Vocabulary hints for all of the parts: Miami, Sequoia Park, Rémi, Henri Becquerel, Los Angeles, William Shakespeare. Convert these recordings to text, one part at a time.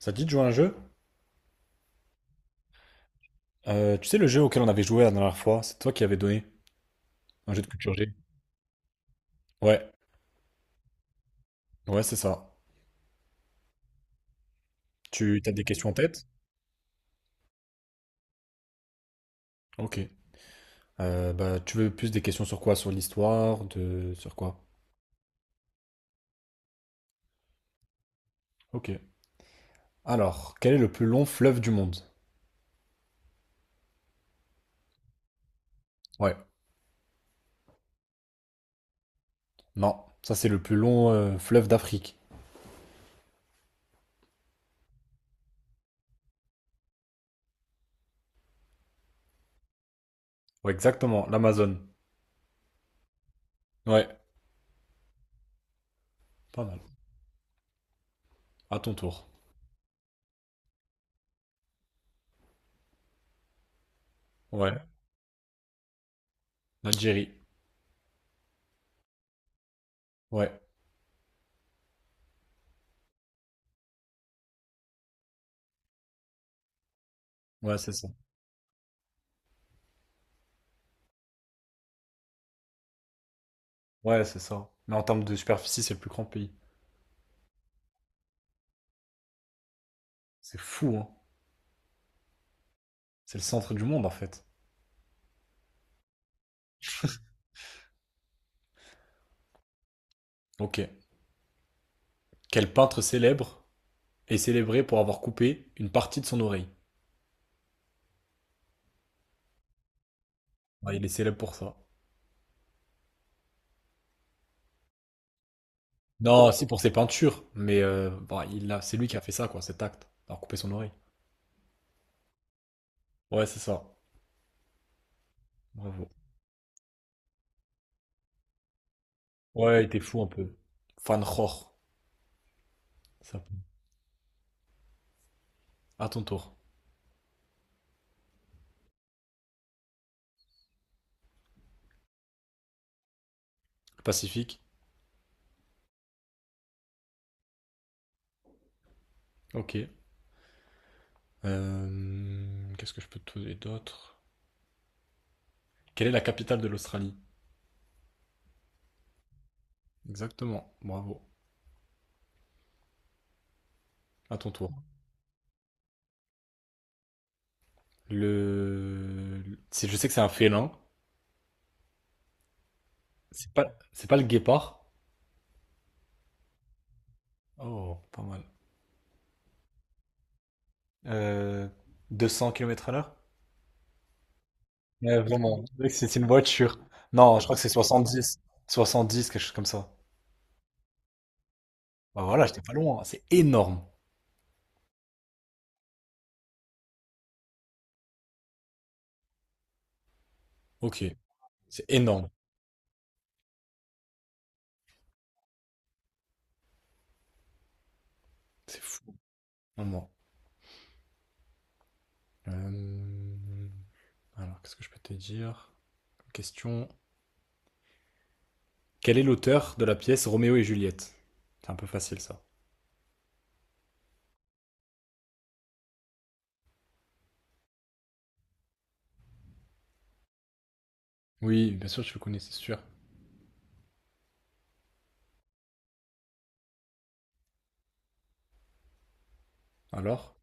Ça te dit de jouer à un jeu? Tu sais le jeu auquel on avait joué la dernière fois, c'est toi qui avais donné un jeu de culture G. Ouais, ouais, c'est ça. Tu as des questions en tête? Ok. Tu veux plus des questions sur quoi? Sur l'histoire, de sur quoi? Ok. Alors, quel est le plus long fleuve du monde? Ouais. Non, ça c'est le plus long fleuve d'Afrique. Ouais, exactement, l'Amazone. Ouais, pas mal. À ton tour. Ouais. L'Algérie. Ouais, ouais, c'est ça. Ouais, c'est ça. Mais en termes de superficie, c'est le plus grand pays. C'est fou, hein. C'est le centre du monde en fait. Ok. Quel peintre célèbre est célébré pour avoir coupé une partie de son oreille? Ouais, il est célèbre pour ça. Non, si pour ses peintures, mais il a, c'est lui qui a fait ça, quoi, cet acte, d'avoir coupé son oreille. Ouais, c'est ça. Bravo. Ouais, il était fou un peu. Van Gogh. Ça. À ton tour. Pacifique. Ok. Qu'est-ce que je peux te donner d'autre? Quelle est la capitale de l'Australie? Exactement. Bravo. À ton tour. Le c'est- je sais que c'est un félin. C'est pas c'est pas le guépard. Oh, pas mal. Euh, 200 kilomètres à l'heure? Ouais, vraiment. C'est une voiture. Non, je crois que c'est 70, 70 quelque chose comme ça. Bah voilà, j'étais pas loin. C'est énorme. Ok, c'est énorme. C'est fou. Vraiment. Euh, Alors, qu'est-ce que je peux te dire? Question. Quel est l'auteur de la pièce Roméo et Juliette? C'est un peu facile ça. Oui, bien sûr, je le connais, c'est sûr. Alors?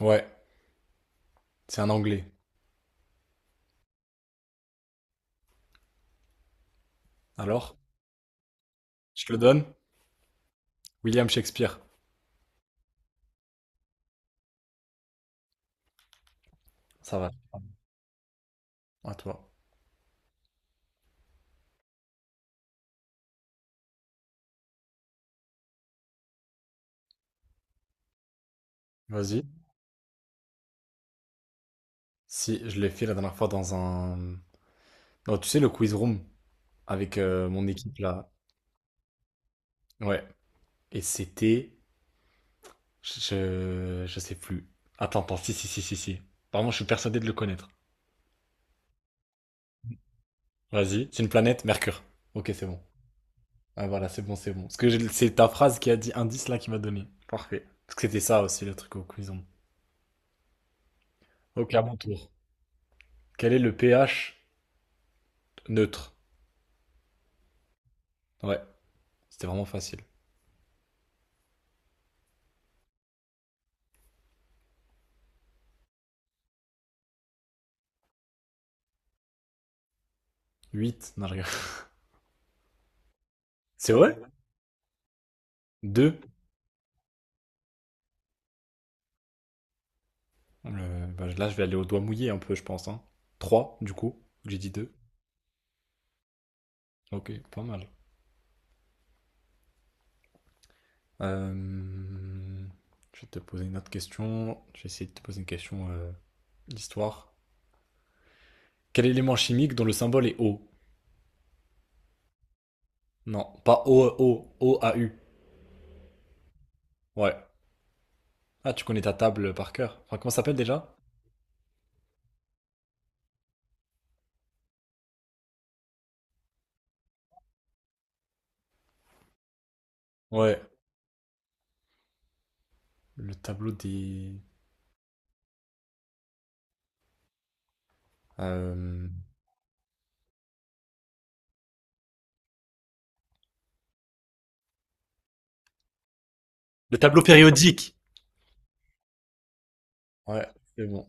Ouais, c'est un anglais. Alors? Je te le donne? William Shakespeare. Ça va. À toi. Vas-y. Si, je l'ai fait la dernière fois dans un Oh, tu sais, le quiz room avec mon équipe là. Ouais. Et c'était Je sais plus. Attends, attends. Si, si, si, si, si. Apparemment, je suis persuadé de le connaître. Vas-y. C'est une planète, Mercure. Ok, c'est bon. Ah, voilà, c'est bon, c'est bon. Parce que j'ai- c'est ta phrase qui a dit indice là qui m'a donné. Parfait. Parce que c'était ça aussi le truc au quiz room. Ok, à mon tour. Quel est le pH neutre? Ouais, c'était vraiment facile. 8. Non, je rigole. C'est vrai? 2. Là, je vais aller au doigt mouillé un peu, je pense. Hein. 3, du coup. J'ai dit deux. Ok, pas mal. Euh, Je vais te poser une autre question. Je vais essayer de te poser une question d'histoire. Quel élément chimique dont le symbole est O? Non, pas O, O, O, A, U. Ouais. Ah, tu connais ta table par cœur. Enfin, comment ça s'appelle déjà? Ouais. Le tableau des Euh, le tableau périodique. Ouais, c'est bon.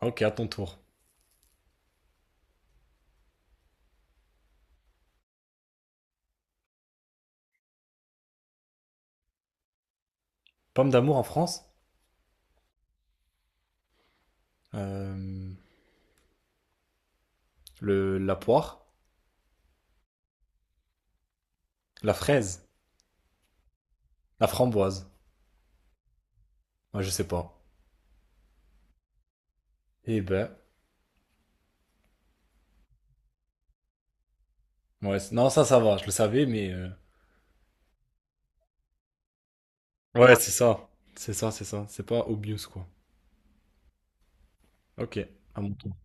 Ok, à ton tour. Pomme d'amour en France. Euh, le, la poire. La fraise. La framboise. Moi, je sais pas. Eh ben. Ouais, c'est- non, ça va. Je le savais, mais. Ouais, c'est ça. C'est ça, c'est ça. C'est pas obvious, quoi. Ok, à mon tour.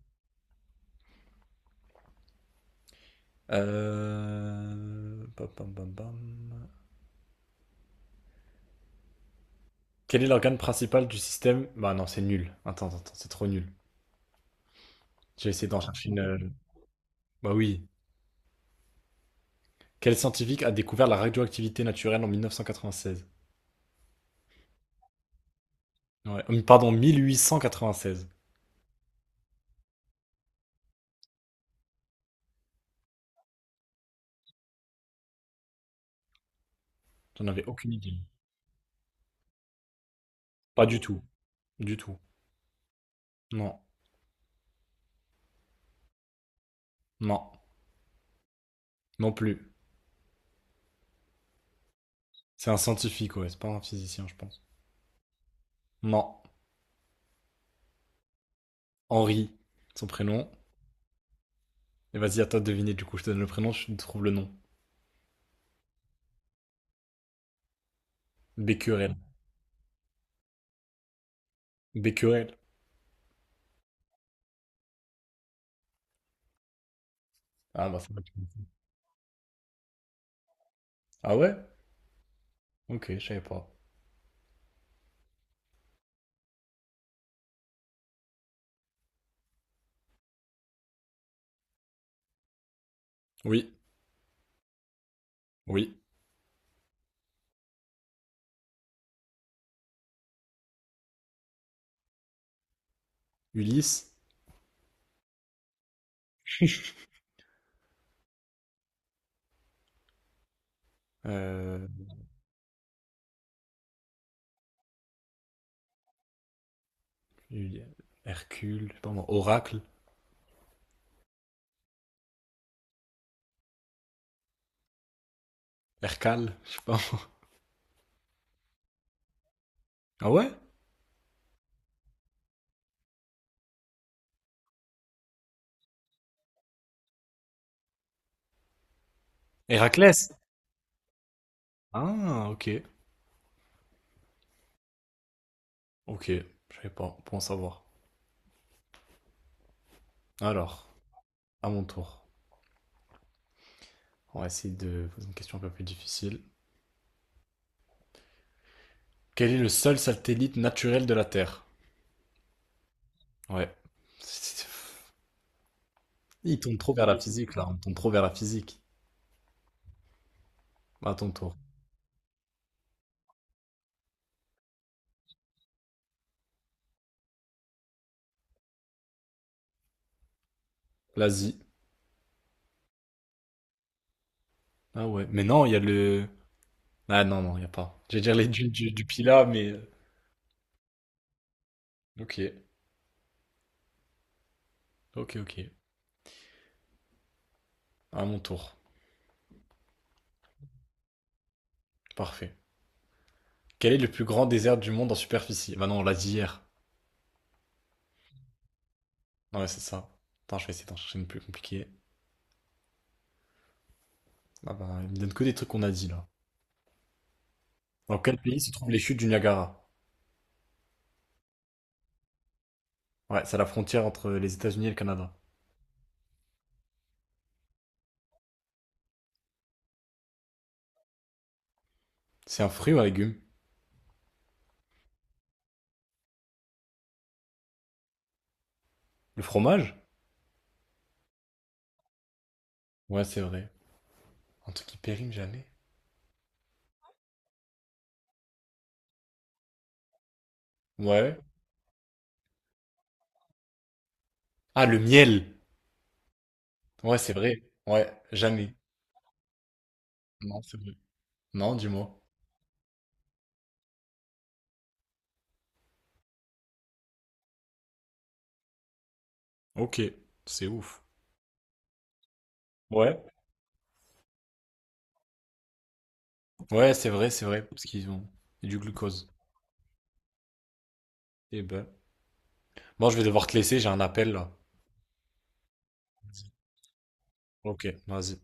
Euh pam, pam, pam, pam. Quel est l'organe principal du système? Bah non, c'est nul. Attends, attends, attends, c'est trop nul. J'ai essayé d'en chercher une. Bah oui. Quel scientifique a découvert la radioactivité naturelle en 1996? Ouais, pardon, 1896. J'en avais aucune idée. Pas du tout. Du tout. Non. Non. Non plus. C'est un scientifique, ouais, c'est pas un physicien, je pense. Non, Henri, son prénom. Et vas-y, à toi de deviner, du coup, je te donne le prénom, je te trouve le nom. Becquerel. Becquerel. Ah bah, ça va. Ah ouais? Ok, je savais pas. Oui, oui. Ulysse, euh, Uli- Hercule, je sais pas moi, Oracle, Hercale, je sais pas moi. Ah ouais? Héraclès. Ah, ok. Ok, je savais pas, pour en savoir. Alors, à mon tour, on va essayer de poser une question un peu plus difficile. Quel est le seul satellite naturel de la Terre? Ouais. Il tourne trop vers la physique, là. On tourne trop vers la physique. À ton tour. L'Asie. Ah ouais. Mais non, il y a le Ah non, non, il n'y a pas. J'allais dire les dunes du Pila, mais ok, ok, ok. À mon tour. Parfait. Quel est le plus grand désert du monde en superficie? Bah non, on l'a dit hier. Ouais, c'est ça. Attends, je vais essayer d'en chercher une plus compliquée. Ah bah, il me donne que des trucs qu'on a dit, là. Dans quel pays se trouvent les chutes du Niagara? Ouais, c'est à la frontière entre les États-Unis et le Canada. C'est un fruit ou un légume? Le fromage? Ouais, c'est vrai. Un truc qui périme jamais. Ouais. Ah, le miel. Ouais, c'est vrai. Ouais, jamais. Non, c'est vrai. Non, dis-moi. Ok, c'est ouf. Ouais. Ouais, c'est vrai, parce qu'ils ont du glucose. Eh ben. Bon, je vais devoir te laisser, j'ai un appel là. Ok, vas-y.